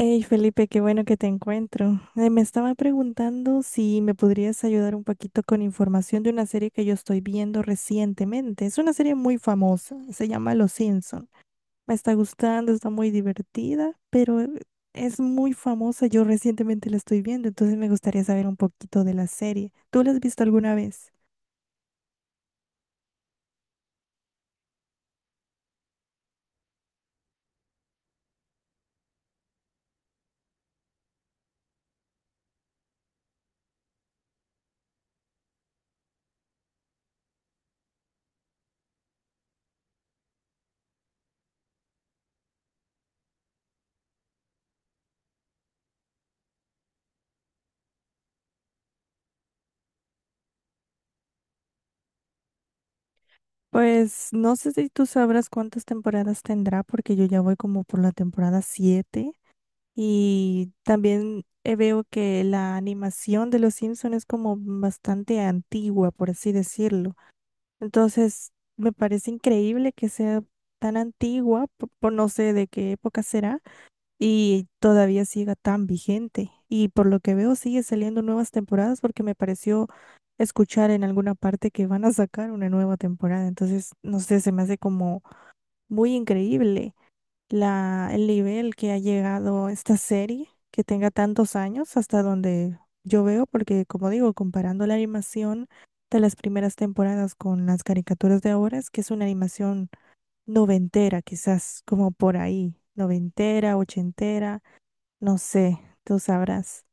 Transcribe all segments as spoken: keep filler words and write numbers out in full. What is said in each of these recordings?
Hey Felipe, qué bueno que te encuentro. Eh, me estaba preguntando si me podrías ayudar un poquito con información de una serie que yo estoy viendo recientemente. Es una serie muy famosa, se llama Los Simpson. Me está gustando, está muy divertida, pero eh, es muy famosa. Yo recientemente la estoy viendo, entonces me gustaría saber un poquito de la serie. ¿Tú la has visto alguna vez? Pues no sé si tú sabrás cuántas temporadas tendrá, porque yo ya voy como por la temporada siete. Y también eh, veo que la animación de los Simpsons es como bastante antigua, por así decirlo. Entonces, me parece increíble que sea tan antigua, po- por, no sé de qué época será, y todavía siga tan vigente. Y por lo que veo, sigue saliendo nuevas temporadas porque me pareció escuchar en alguna parte que van a sacar una nueva temporada. Entonces, no sé, se me hace como muy increíble la, el nivel que ha llegado esta serie, que tenga tantos años hasta donde yo veo, porque como digo, comparando la animación de las primeras temporadas con las caricaturas de ahora, es que es una animación noventera, quizás como por ahí, noventera, ochentera, no sé, tú sabrás.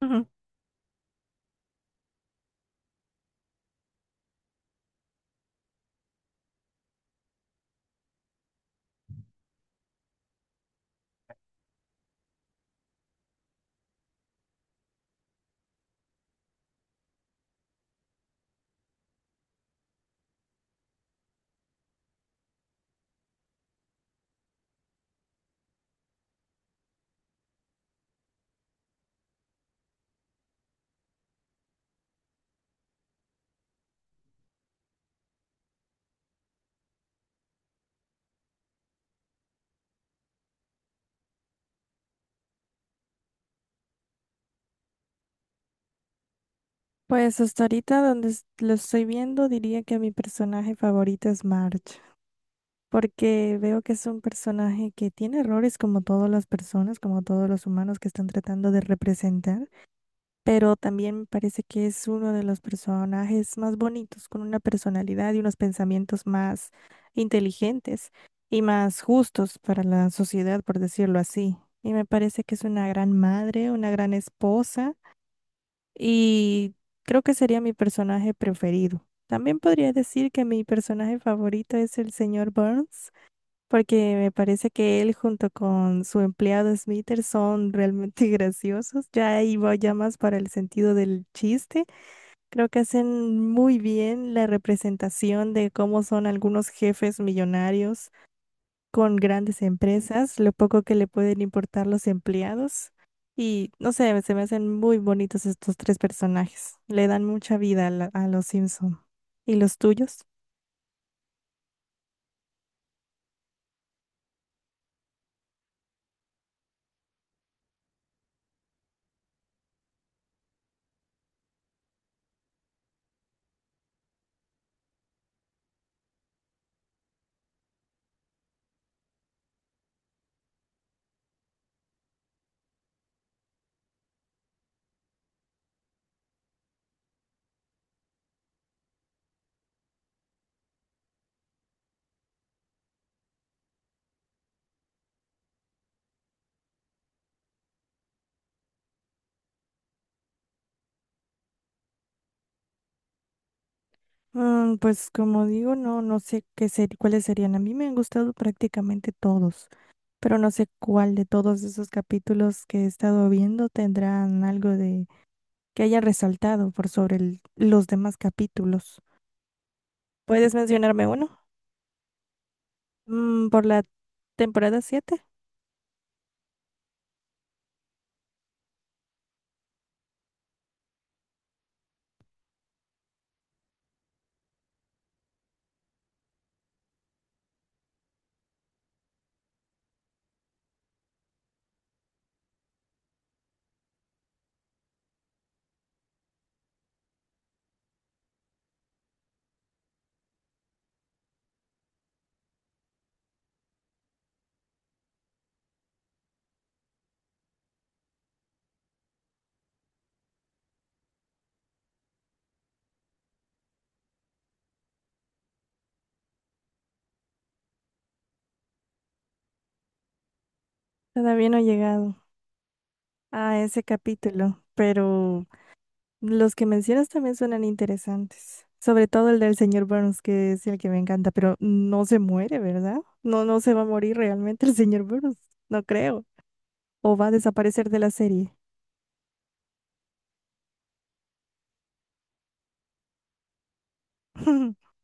Ujú. Pues hasta ahorita donde es- lo estoy viendo, diría que mi personaje favorito es Marge, porque veo que es un personaje que tiene errores como todas las personas, como todos los humanos que están tratando de representar, pero también me parece que es uno de los personajes más bonitos, con una personalidad y unos pensamientos más inteligentes y más justos para la sociedad, por decirlo así. Y me parece que es una gran madre, una gran esposa y creo que sería mi personaje preferido. También podría decir que mi personaje favorito es el señor Burns porque me parece que él junto con su empleado Smithers son realmente graciosos. Ya ahí va ya más para el sentido del chiste. Creo que hacen muy bien la representación de cómo son algunos jefes millonarios con grandes empresas, lo poco que le pueden importar los empleados. Y no sé, se me hacen muy bonitos estos tres personajes. Le dan mucha vida a, la- a los Simpson. ¿Y los tuyos? Mm, pues como digo, no, no sé qué ser, cuáles serían. A mí me han gustado prácticamente todos, pero no sé cuál de todos esos capítulos que he estado viendo tendrán algo de que haya resaltado por sobre el- los demás capítulos. ¿Puedes mencionarme uno? Mm, por la temporada siete. Todavía no he llegado a ese capítulo, pero los que mencionas también suenan interesantes, sobre todo el del señor Burns, que es el que me encanta, pero no se muere, ¿verdad? No, no se va a morir realmente el señor Burns, no creo. O va a desaparecer de la serie.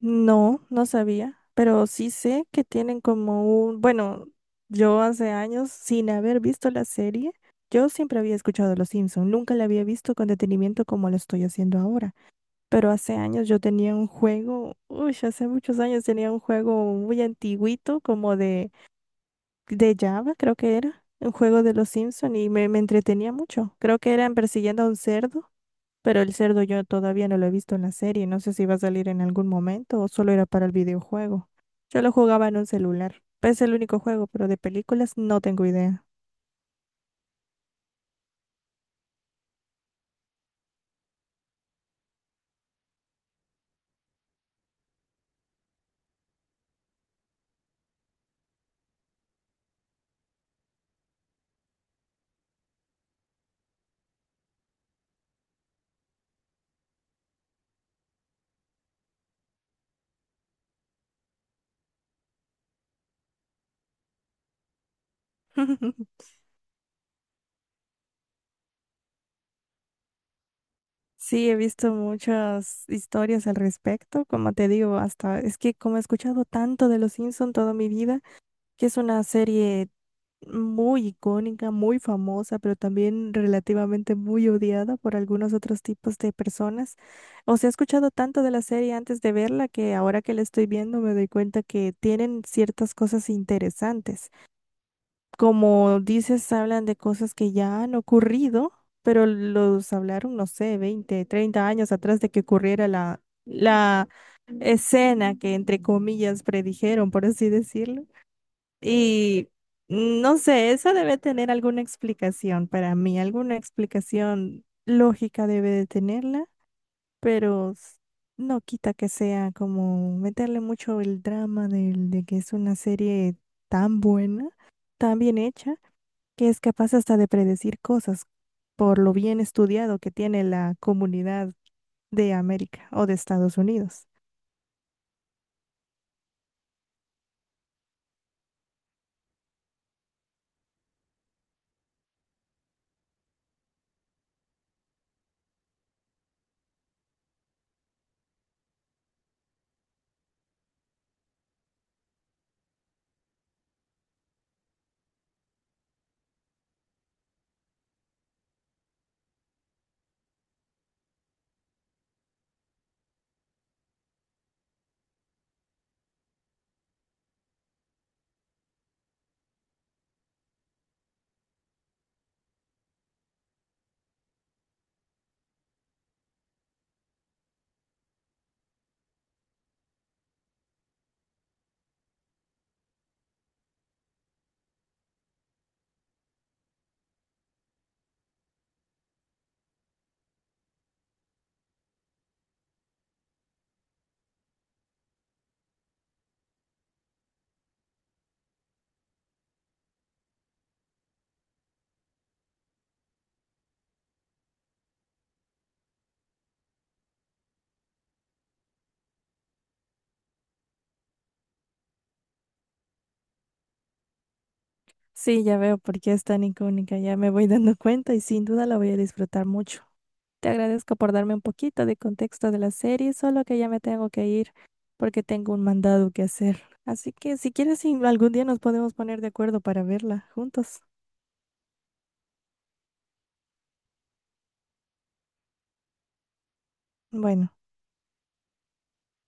No, no sabía, pero sí sé que tienen como un, bueno, yo hace años, sin haber visto la serie, yo siempre había escuchado Los Simpson, nunca la había visto con detenimiento como lo estoy haciendo ahora. Pero hace años yo tenía un juego, uy, hace muchos años tenía un juego muy antiguito, como de, de, Java, creo que era, un juego de los Simpson y me, me entretenía mucho. Creo que eran persiguiendo a un cerdo, pero el cerdo yo todavía no lo he visto en la serie, no sé si va a salir en algún momento o solo era para el videojuego. Yo lo jugaba en un celular, pues, es el único juego, pero de películas no tengo idea. Sí, he visto muchas historias al respecto, como te digo, hasta es que como he escuchado tanto de Los Simpson toda mi vida, que es una serie muy icónica, muy famosa, pero también relativamente muy odiada por algunos otros tipos de personas. O sea, he escuchado tanto de la serie antes de verla que ahora que la estoy viendo me doy cuenta que tienen ciertas cosas interesantes, como dices, hablan de cosas que ya han ocurrido, pero los hablaron, no sé, veinte, treinta años atrás de que ocurriera la, la, escena que entre comillas predijeron, por así decirlo. Y no sé, eso debe tener alguna explicación para mí, alguna explicación lógica debe de tenerla, pero s- no quita que sea como meterle mucho el drama del- de que es una serie tan buena, tan bien hecha que es capaz hasta de predecir cosas por lo bien estudiado que tiene la comunidad de América o de Estados Unidos. Sí, ya veo por qué es tan icónica, ya me voy dando cuenta y sin duda la voy a disfrutar mucho. Te agradezco por darme un poquito de contexto de la serie, solo que ya me tengo que ir porque tengo un mandado que hacer. Así que si quieres, sí, algún día nos podemos poner de acuerdo para verla juntos. Bueno.